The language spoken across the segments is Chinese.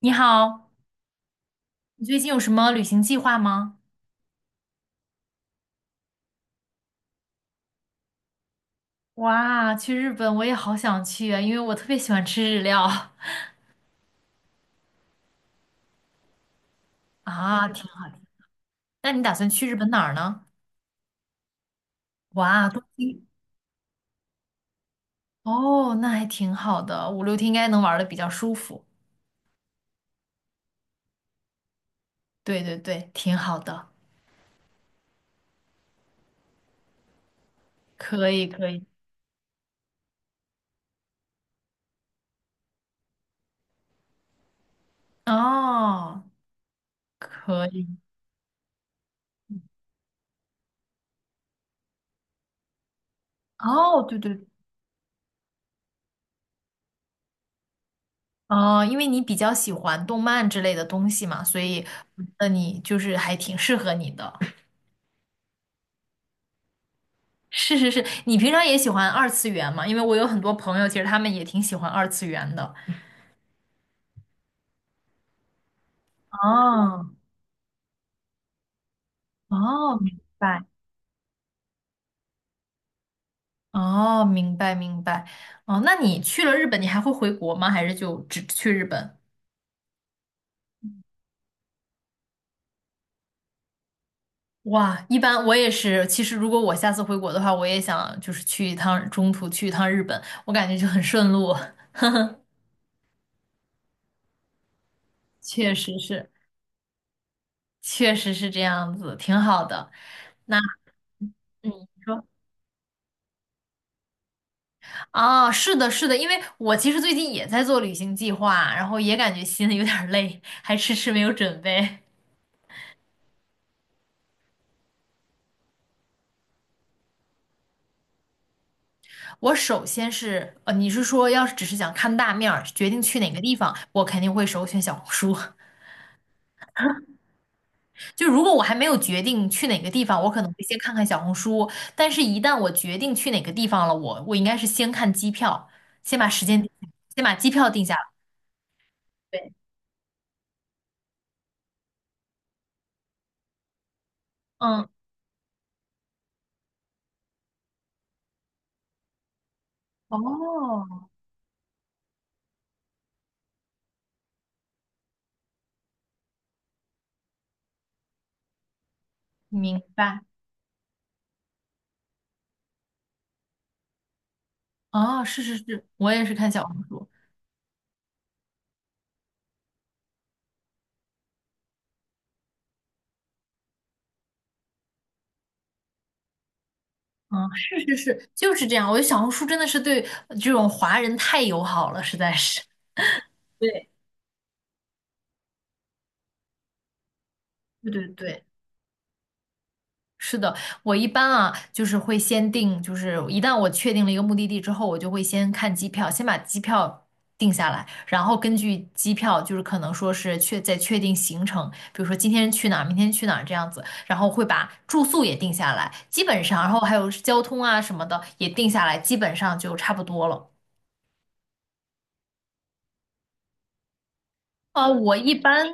你好，你最近有什么旅行计划吗？哇，去日本我也好想去啊，因为我特别喜欢吃日料。 啊，挺好的。那你打算去日本哪儿呢？哇，东京。哦，那还挺好的，五六天应该能玩的比较舒服。对对对，挺好的，可以可以。哦，可以。哦，对对，哦，因为你比较喜欢动漫之类的东西嘛，所以那你就是还挺适合你的。是是是，你平常也喜欢二次元嘛？因为我有很多朋友，其实他们也挺喜欢二次元的。哦哦，明白。哦，明白明白。哦，那你去了日本，你还会回国吗？还是就只去日本？哇，一般我也是。其实如果我下次回国的话，我也想就是去一趟，中途去一趟日本，我感觉就很顺路。确实是，确实是这样子，挺好的。那嗯你说。啊，是的，是的，因为我其实最近也在做旅行计划，然后也感觉心里有点儿累，还迟迟没有准备。我首先是，你是说要是只是想看大面儿，决定去哪个地方，我肯定会首选小红书。就如果我还没有决定去哪个地方，我可能会先看看小红书，但是一旦我决定去哪个地方了，我应该是先看机票，先把时间定下，先把机票定下来。对，嗯，哦，明白。哦，是是是，我也是看小红书。嗯，是是是，就是这样。我觉得小红书真的是对这种华人太友好了，实在是。对，对对对，是的，我一般啊，就是会先定，就是一旦我确定了一个目的地之后，我就会先看机票，先把机票定下来，然后根据机票，就是可能说是确再确定行程，比如说今天去哪儿，明天去哪儿这样子，然后会把住宿也定下来，基本上，然后还有交通啊什么的也定下来，基本上就差不多了。呃，我一般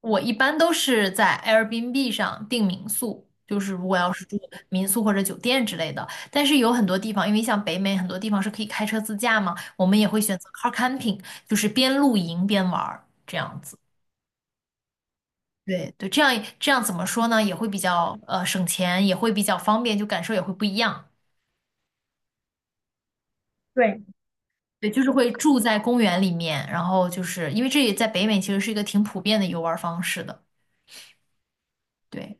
我一般都是在 Airbnb 上订民宿，就是如果要是住民宿或者酒店之类的。但是有很多地方，因为像北美很多地方是可以开车自驾嘛，我们也会选择 car camping，就是边露营边玩儿这样子。对对，这样这样怎么说呢？也会比较省钱，也会比较方便，就感受也会不一样。对，对，就是会住在公园里面，然后就是因为这也在北美其实是一个挺普遍的游玩方式的。对。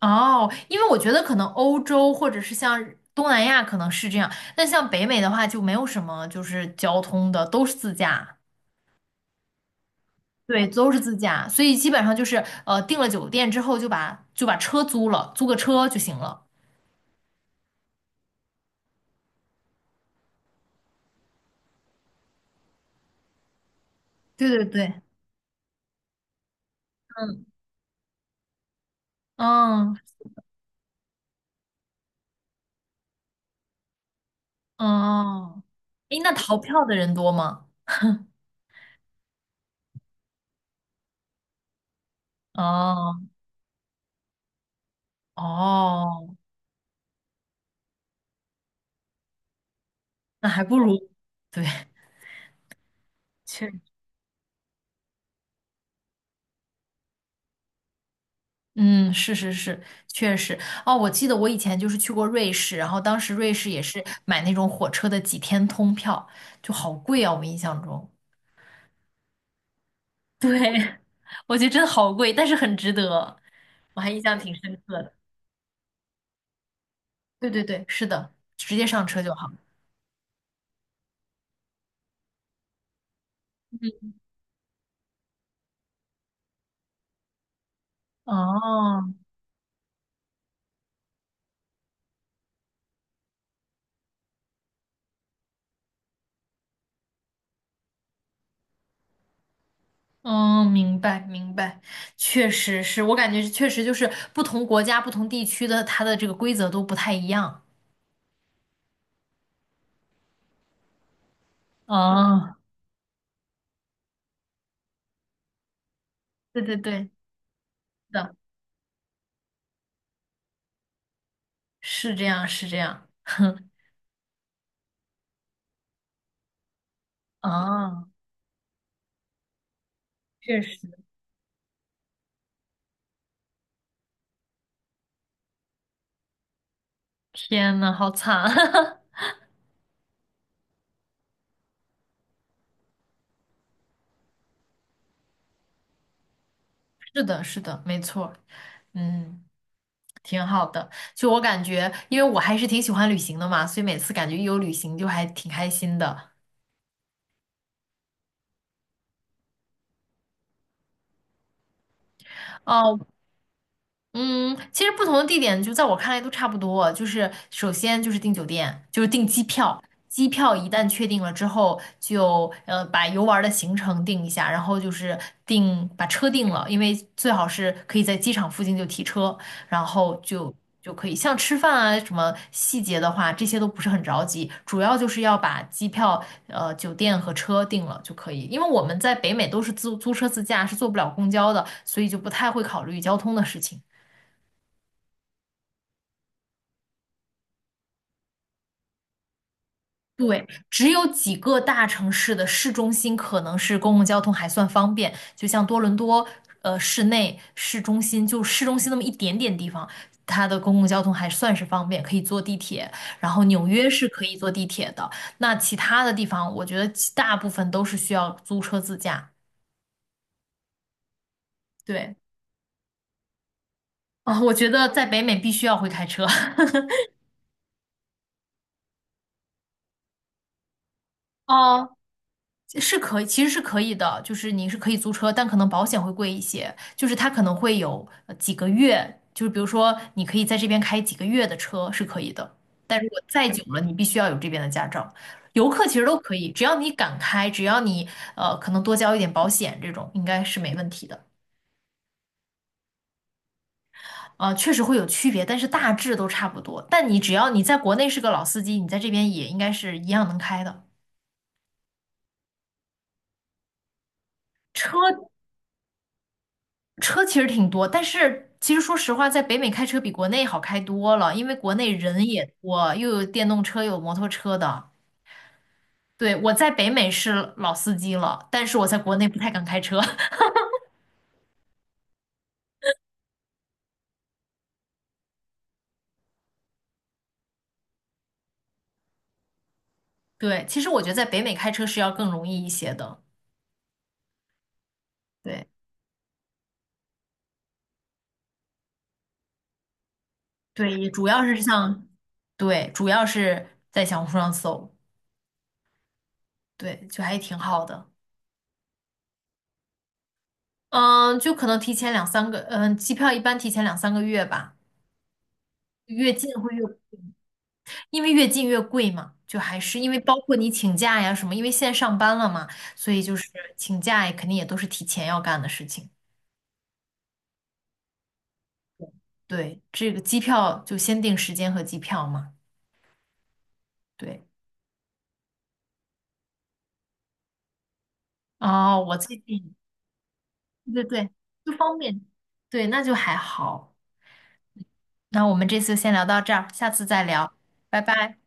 哦，因为我觉得可能欧洲或者是像东南亚可能是这样，那像北美的话就没有什么就是交通的，都是自驾，对，都是自驾，所以基本上就是订了酒店之后就把车租了，租个车就行了。对对对，嗯，嗯嗯，诶，那逃票的人多吗？哦，哦，那还不如，对，确嗯，是是是，确实。哦，我记得我以前就是去过瑞士，然后当时瑞士也是买那种火车的几天通票，就好贵啊，我印象中。对，我觉得真的好贵，但是很值得，我还印象挺深刻的。对对对，是的，直接上车就好。哦，嗯，明白明白，确实是我感觉确实就是不同国家、不同地区的它的这个规则都不太一样。哦，对对对，是的，是这样是这样。啊，确实，天呐，好惨！是的，是的，没错嗯，挺好的。就我感觉，因为我还是挺喜欢旅行的嘛，所以每次感觉一有旅行就还挺开心的。哦，嗯，其实不同的地点，就在我看来都差不多。就是首先就是订酒店，就是订机票。机票一旦确定了之后，就把游玩儿的行程定一下，然后就是定把车定了，因为最好是可以在机场附近就提车，然后就可以。像吃饭啊什么细节的话，这些都不是很着急，主要就是要把机票、酒店和车定了就可以。因为我们在北美都是租车自驾，是坐不了公交的，所以就不太会考虑交通的事情。对，只有几个大城市的市中心可能是公共交通还算方便，就像多伦多，市内、市中心，就市中心那么一点点地方，它的公共交通还算是方便，可以坐地铁。然后纽约是可以坐地铁的，那其他的地方，我觉得其大部分都是需要租车自驾。对，啊，我觉得在北美必须要会开车。哦，是可以，其实是可以的，就是你是可以租车，但可能保险会贵一些，就是它可能会有几个月，就是比如说你可以在这边开几个月的车是可以的，但如果再久了，你必须要有这边的驾照。游客其实都可以，只要你敢开，只要你可能多交一点保险，这种应该是没问题的。啊，确实会有区别，但是大致都差不多。但你只要你在国内是个老司机，你在这边也应该是一样能开的。车车其实挺多，但是其实说实话，在北美开车比国内好开多了，因为国内人也多，又有电动车，又有摩托车的。对，我在北美是老司机了，但是我在国内不太敢开车。对，其实我觉得在北美开车是要更容易一些的。对，对，也主要是像 对，主要是在小红书上搜，对，就还挺好的。嗯，就可能提前两三个，嗯，机票一般提前两三个月吧，越近会越贵因为越近越贵嘛，就还是因为包括你请假呀什么，因为现在上班了嘛，所以就是请假也肯定也都是提前要干的事情。对，这个机票就先定时间和机票嘛。对，哦，我最近，对对对，不方便。对，那就还好。那我们这次先聊到这儿，下次再聊，拜拜。